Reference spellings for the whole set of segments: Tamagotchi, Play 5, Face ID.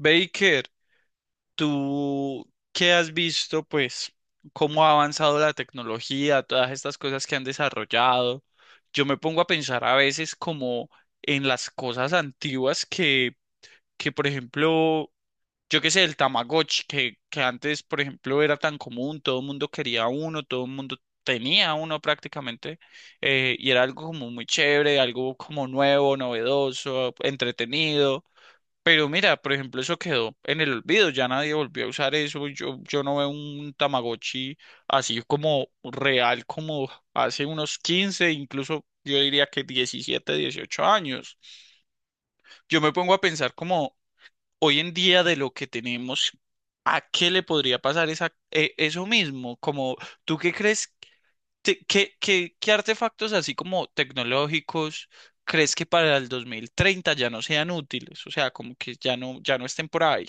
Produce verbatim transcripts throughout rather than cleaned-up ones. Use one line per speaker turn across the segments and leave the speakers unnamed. Baker, ¿tú qué has visto, pues, cómo ha avanzado la tecnología, todas estas cosas que han desarrollado? Yo me pongo a pensar a veces como en las cosas antiguas que, que por ejemplo, yo qué sé, el Tamagotchi, que, que antes, por ejemplo, era tan común, todo el mundo quería uno, todo el mundo tenía uno prácticamente, eh, y era algo como muy chévere, algo como nuevo, novedoso, entretenido. Pero mira, por ejemplo, eso quedó en el olvido, ya nadie volvió a usar eso, yo, yo no veo un Tamagotchi así como real como hace unos quince, incluso yo diría que diecisiete, dieciocho años. Yo me pongo a pensar como hoy en día de lo que tenemos, ¿a qué le podría pasar esa, e- eso mismo? Como, ¿tú qué crees? te- ¿Qué, qué, qué artefactos así como tecnológicos? ¿Crees que para el dos mil treinta ya no sean útiles? O sea, como que ya no, ya no estén por ahí.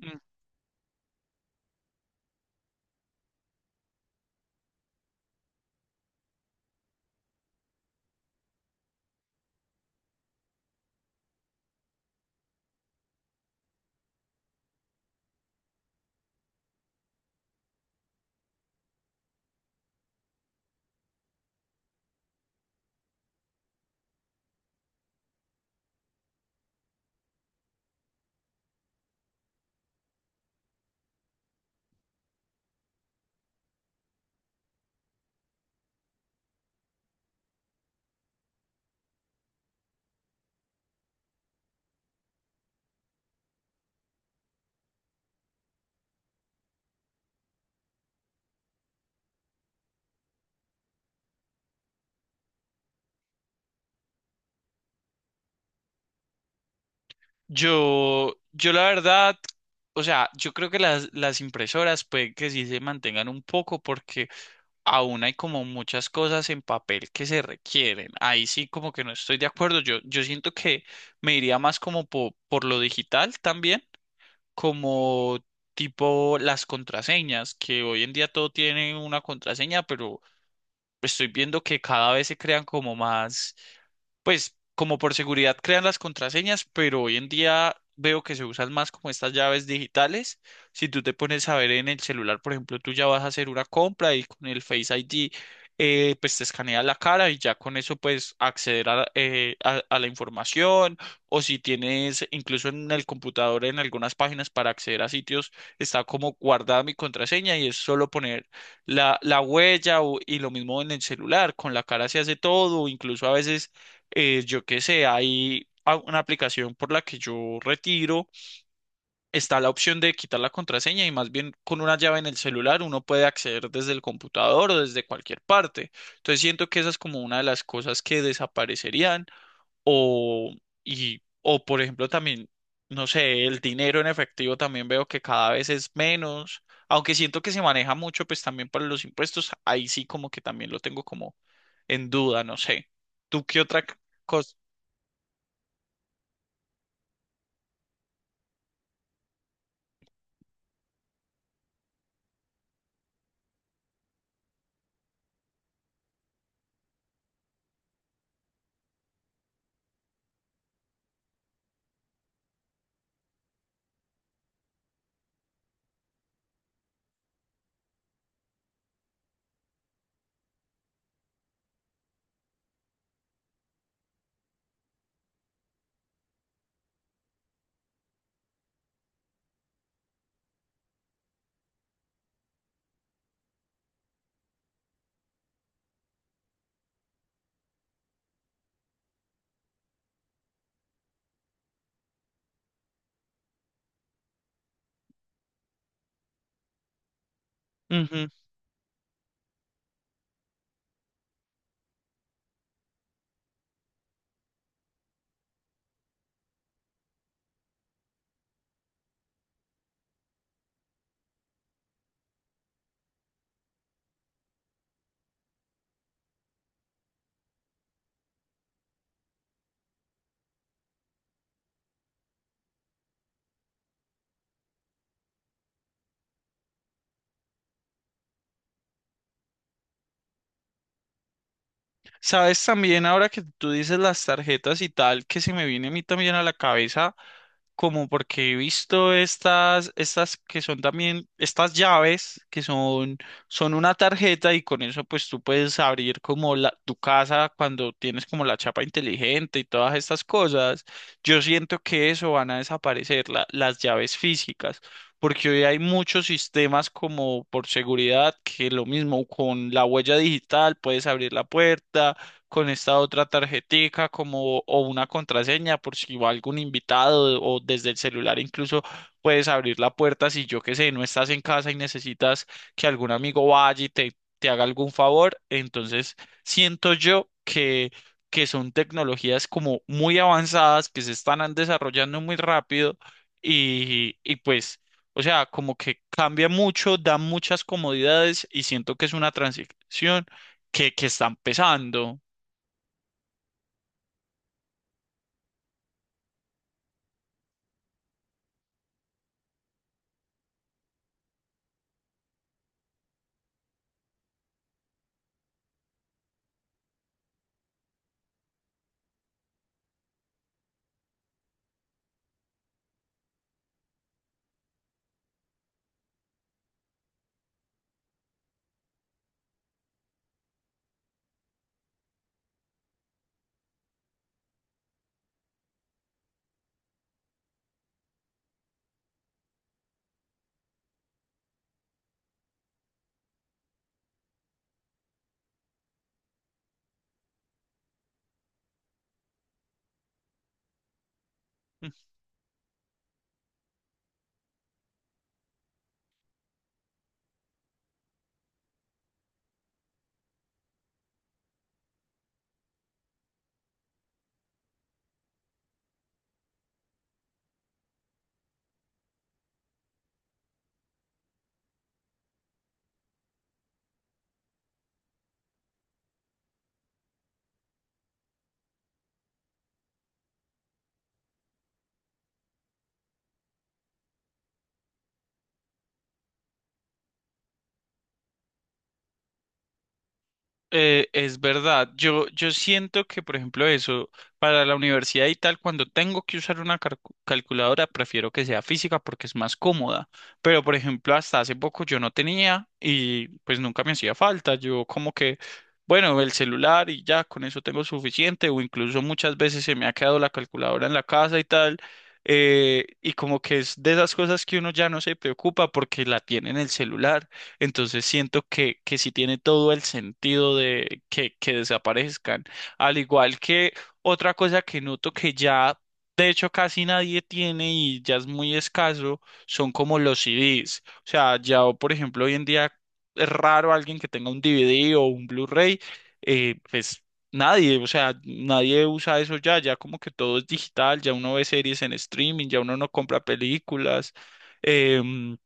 Mm. Yo, yo la verdad, o sea, yo creo que las, las impresoras puede que sí se mantengan un poco porque aún hay como muchas cosas en papel que se requieren. Ahí sí como que no estoy de acuerdo. Yo, yo siento que me iría más como po- por lo digital también, como tipo las contraseñas, que hoy en día todo tiene una contraseña, pero estoy viendo que cada vez se crean como más. Pues como por seguridad crean las contraseñas, pero hoy en día veo que se usan más como estas llaves digitales. Si tú te pones a ver en el celular, por ejemplo, tú ya vas a hacer una compra y con el Face I D, eh, pues te escanea la cara y ya con eso pues acceder a, eh, a a la información, o si tienes incluso en el computador en algunas páginas para acceder a sitios, está como guardada mi contraseña y es solo poner la, la huella o- y lo mismo en el celular, con la cara se hace todo, incluso a veces eh, yo qué sé, hay a- una aplicación por la que yo retiro, está la opción de quitar la contraseña y más bien con una llave en el celular uno puede acceder desde el computador o desde cualquier parte. Entonces siento que esa es como una de las cosas que desaparecerían o, y, o por ejemplo también, no sé, el dinero en efectivo también veo que cada vez es menos. Aunque siento que se maneja mucho, pues también para los impuestos, ahí sí como que también lo tengo como en duda, no sé. ¿Tú qué otra cosa? Sabes también, ahora que tú dices las tarjetas y tal, que se me viene a mí también a la cabeza, como porque he visto estas, estas que son también, estas llaves que son, son una tarjeta y con eso pues tú puedes abrir como la, tu casa cuando tienes como la chapa inteligente y todas estas cosas. Yo siento que eso van a desaparecer, la- las llaves físicas. Porque hoy hay muchos sistemas como por seguridad, que lo mismo con la huella digital puedes abrir la puerta, con esta otra tarjetica como o una contraseña por si va algún invitado o desde el celular incluso puedes abrir la puerta si yo qué sé, no estás en casa y necesitas que algún amigo vaya y te, te haga algún favor. Entonces, siento yo que que son tecnologías como muy avanzadas, que se están desarrollando muy rápido y, y pues, o sea, como que cambia mucho, da muchas comodidades y siento que es una transición que, que está empezando. Eh, es verdad, yo, yo siento que, por ejemplo, eso, para la universidad y tal, cuando tengo que usar una carcu- calculadora, prefiero que sea física porque es más cómoda. Pero, por ejemplo, hasta hace poco yo no tenía y pues nunca me hacía falta. Yo como que, bueno, el celular y ya, con eso tengo suficiente o incluso muchas veces se me ha quedado la calculadora en la casa y tal. Eh, y como que es de esas cosas que uno ya no se preocupa porque la tiene en el celular. Entonces siento que, que sí tiene todo el sentido de que, que desaparezcan. Al igual que otra cosa que noto que ya, de hecho, casi nadie tiene y ya es muy escaso, son como los C Des. O sea, ya, por ejemplo, hoy en día es raro alguien que tenga un D V D o un Blu-ray, eh, pues nadie, o sea, nadie usa eso ya, ya como que todo es digital, ya uno ve series en streaming, ya uno no compra películas. em,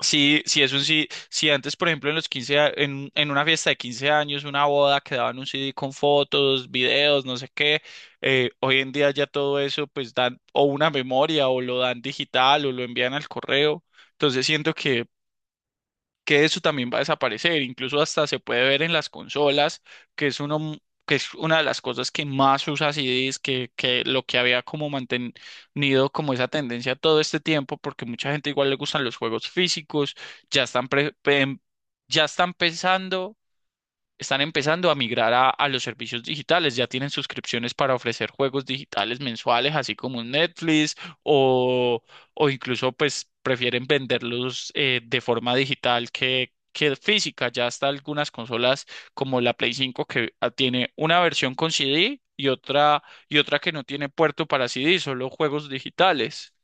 Sí, sí, es un sí. Si antes, por ejemplo, en los quince a- en, en una fiesta de quince años, una boda, quedaban un C D con fotos, videos, no sé qué, eh, hoy en día ya todo eso, pues dan o una memoria o lo dan digital o lo envían al correo. Entonces siento que que eso también va a desaparecer. Incluso hasta se puede ver en las consolas, que es uno que es una de las cosas que más usa C D es que, que lo que había como mantenido como esa tendencia todo este tiempo, porque mucha gente igual le gustan los juegos físicos, ya están pre- em, ya están pensando están empezando a migrar a, a los servicios digitales. Ya tienen suscripciones para ofrecer juegos digitales mensuales, así como un Netflix, o, o incluso pues prefieren venderlos eh, de forma digital que, que física. Ya hasta algunas consolas como la Play cinco que ah, tiene una versión con C D y otra, y otra que no tiene puerto para C D, solo juegos digitales.